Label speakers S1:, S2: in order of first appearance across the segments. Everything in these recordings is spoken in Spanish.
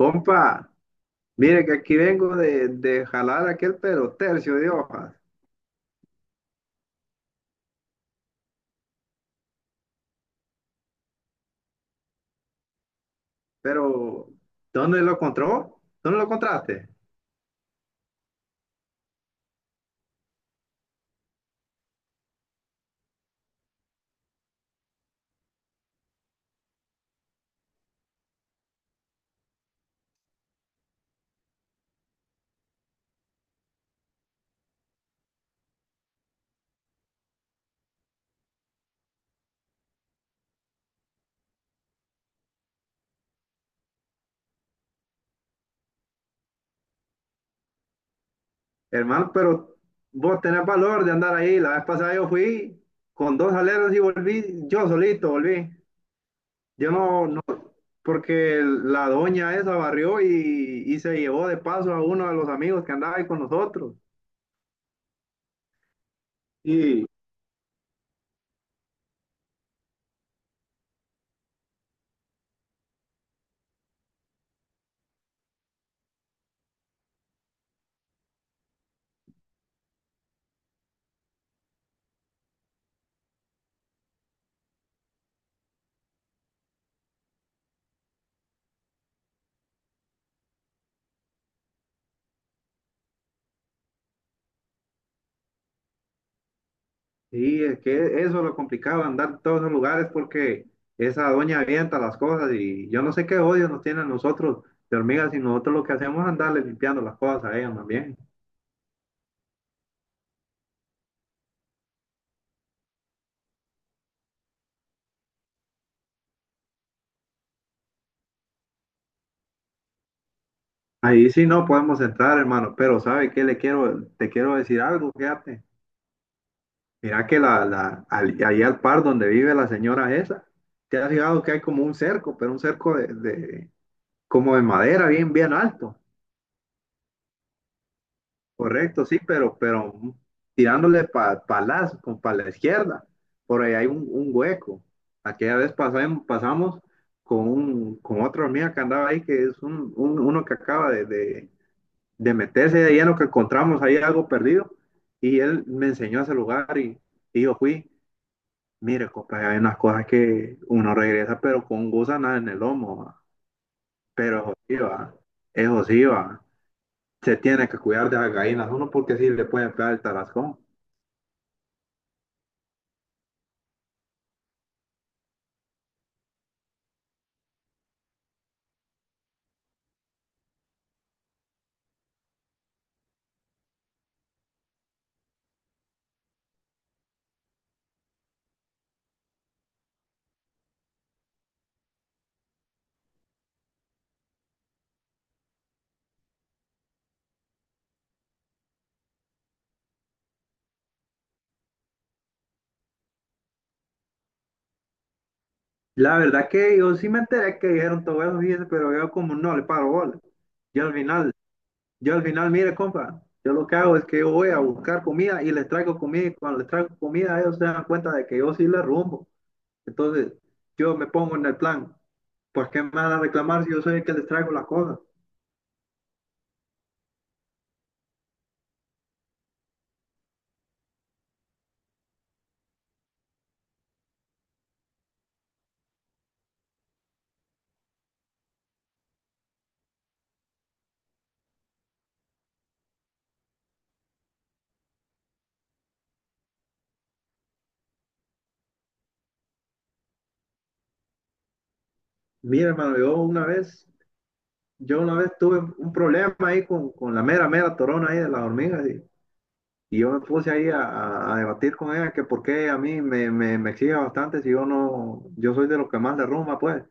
S1: Compa, mire que aquí vengo de jalar aquel pero tercio de hojas. Pero, ¿dónde lo encontró? ¿Dónde lo encontraste? Hermano, pero vos tenés valor de andar ahí. La vez pasada yo fui con dos aleros y volví, yo solito volví. Yo no, porque la doña esa barrió y se llevó de paso a uno de los amigos que andaba ahí con nosotros. Y, Sí, es que eso es lo complicado, andar en todos los lugares porque esa doña avienta las cosas y yo no sé qué odio nos tienen nosotros de hormigas, y nosotros lo que hacemos es andarle limpiando las cosas a ella más bien. Ahí sí no podemos entrar, hermano, pero ¿sabe qué le quiero, te quiero decir algo? Fíjate. Mira que ahí al par donde vive la señora esa, te has fijado que hay como un cerco, pero un cerco como de madera bien, bien alto. Correcto, sí, pero tirándole pa la izquierda. Por ahí hay un hueco. Aquella vez pasamos con, con otra hormiga que andaba ahí, que es uno que acaba de meterse de lleno, que encontramos ahí algo perdido. Y él me enseñó ese lugar y yo fui. Mire, compa, hay unas cosas que uno regresa, pero con gusanas en el lomo. Va. Pero eso sí va, eso sí va. Se tiene que cuidar de las gallinas uno porque sí le pueden pegar el tarascón. La verdad que yo sí me enteré que dijeron todo eso, fíjese, pero yo como no le paro bola. Yo al final, yo al final, mire, compa, yo lo que hago es que yo voy a buscar comida y les traigo comida, y cuando les traigo comida ellos se dan cuenta de que yo sí les rumbo. Entonces, yo me pongo en el plan, pues ¿qué me van a reclamar si yo soy el que les traigo las cosas? Mire, hermano, yo una vez tuve un problema ahí con la mera torona ahí de las hormigas. Y yo me puse ahí a debatir con ella que por qué a mí me exige bastante si yo no, yo soy de los que más derrumba, pues.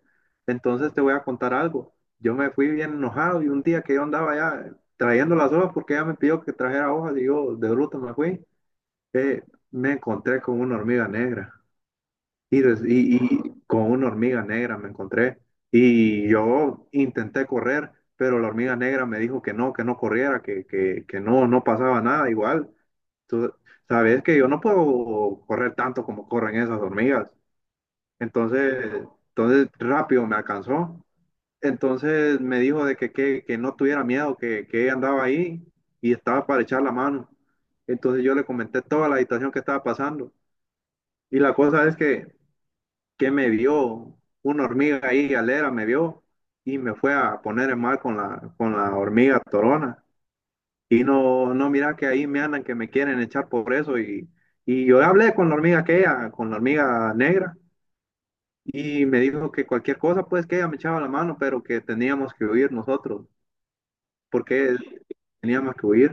S1: Entonces te voy a contar algo. Yo me fui bien enojado y un día que yo andaba ya trayendo las hojas porque ella me pidió que trajera hojas y yo de bruto me fui, eh, me encontré con una hormiga negra. Y, y con una hormiga negra me encontré. Y yo intenté correr, pero la hormiga negra me dijo que no corriera, que no pasaba nada igual. Tú sabes que yo no puedo correr tanto como corren esas hormigas. Entonces rápido me alcanzó. Entonces me dijo de que no tuviera miedo, que ella andaba ahí y estaba para echar la mano. Entonces yo le comenté toda la situación que estaba pasando. Y la cosa es que me vio una hormiga ahí, galera, me vio y me fue a poner en mal con la hormiga torona. Y no, no, mira que ahí me andan que me quieren echar por eso. Y yo hablé con la hormiga aquella, con la hormiga negra, y me dijo que cualquier cosa, pues que ella me echaba la mano, pero que teníamos que huir nosotros, porque teníamos que huir.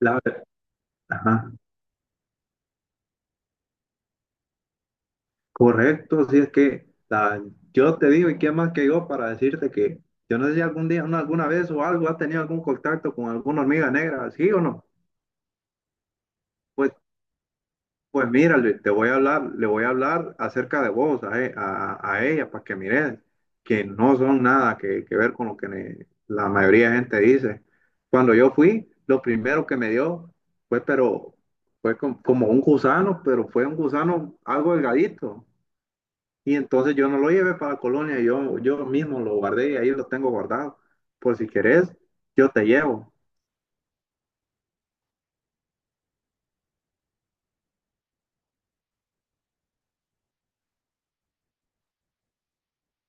S1: La, ajá, correcto, si es que yo te digo, y qué más que yo para decirte que yo no sé si algún día, no, alguna vez o algo, has tenido algún contacto con alguna hormiga negra, ¿sí o no? Pues, pues mira, Luis, te voy a hablar, le voy a hablar acerca de vos a ella para que mires que no son nada que, que ver con lo que la mayoría de gente dice. Cuando yo fui, lo primero que me dio fue, pero fue como un gusano, pero fue un gusano algo delgadito. Y entonces yo no lo llevé para la colonia, yo mismo lo guardé y ahí lo tengo guardado. Por si querés, yo te llevo.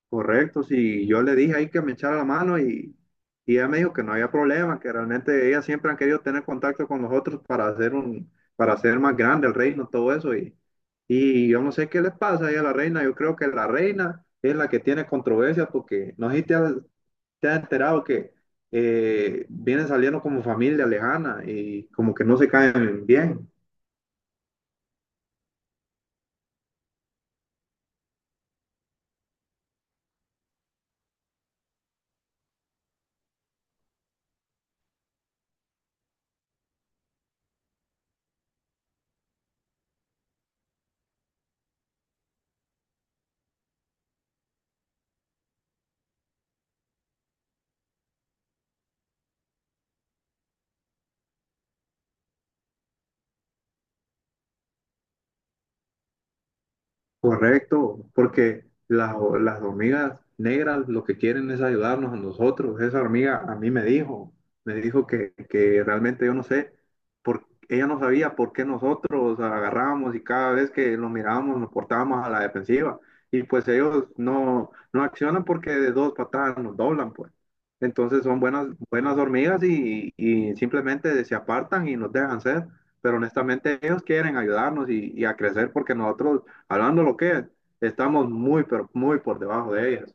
S1: Correcto, sí, yo le dije ahí que me echara la mano y ella me dijo que no había problema, que realmente ellas siempre han querido tener contacto con nosotros para hacer para hacer más grande el reino, todo eso. Y yo no sé qué les pasa ahí a la reina, yo creo que la reina es la que tiene controversia porque no sé si te has, te has enterado que vienen saliendo como familia lejana y como que no se caen bien. Correcto, porque las, las hormigas negras lo que quieren es ayudarnos a nosotros. Esa hormiga a mí me dijo que realmente yo no sé, por, ella no sabía por qué nosotros agarrábamos y cada vez que los mirábamos nos portábamos a la defensiva. Y pues ellos no accionan porque de dos patadas nos doblan, pues. Entonces son buenas, buenas hormigas y simplemente se apartan y nos dejan ser. Pero honestamente ellos quieren ayudarnos y a crecer, porque nosotros, hablando lo que es, estamos muy, pero muy por debajo de ellas.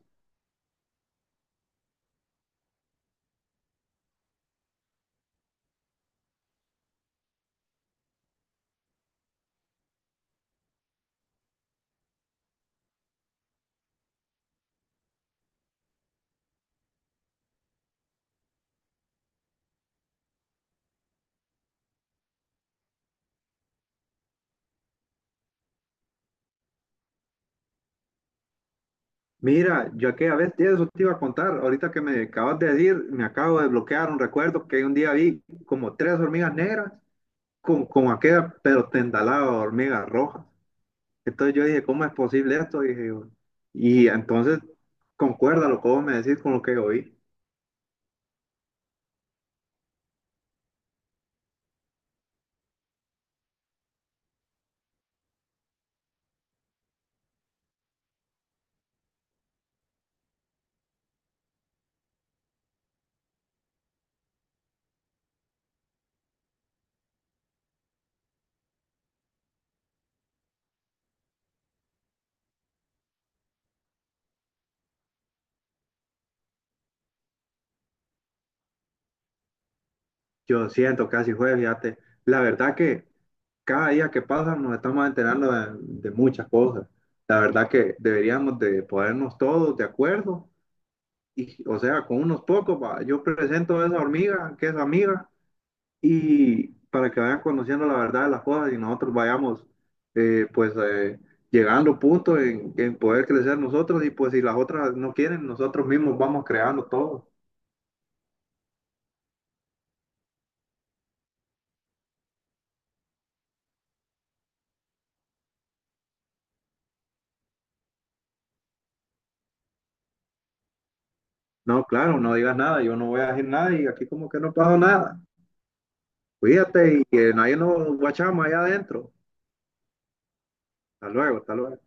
S1: Mira, yo aquella vez, tía, eso te iba a contar, ahorita que me acabas de decir, me acabo de bloquear un recuerdo, que un día vi como tres hormigas negras con aquella, pero tendalada de hormigas rojas. Entonces yo dije, ¿cómo es posible esto? Dije yo. Y entonces, concuerda lo que vos me decís con lo que oí. Yo siento casi fue, fíjate. La verdad que cada día que pasa nos estamos enterando de muchas cosas. La verdad que deberíamos de ponernos todos de acuerdo y, o sea, con unos pocos, va, yo presento a esa hormiga que es amiga y para que vayan conociendo la verdad de las cosas y nosotros vayamos, eh, pues eh, llegando a puntos en poder crecer nosotros, y pues si las otras no quieren, nosotros mismos vamos creando todo. No, claro, no digas nada, yo no voy a decir nada y aquí como que no pasó nada. Cuídate y que nadie nos guachama allá adentro. Hasta luego, hasta luego.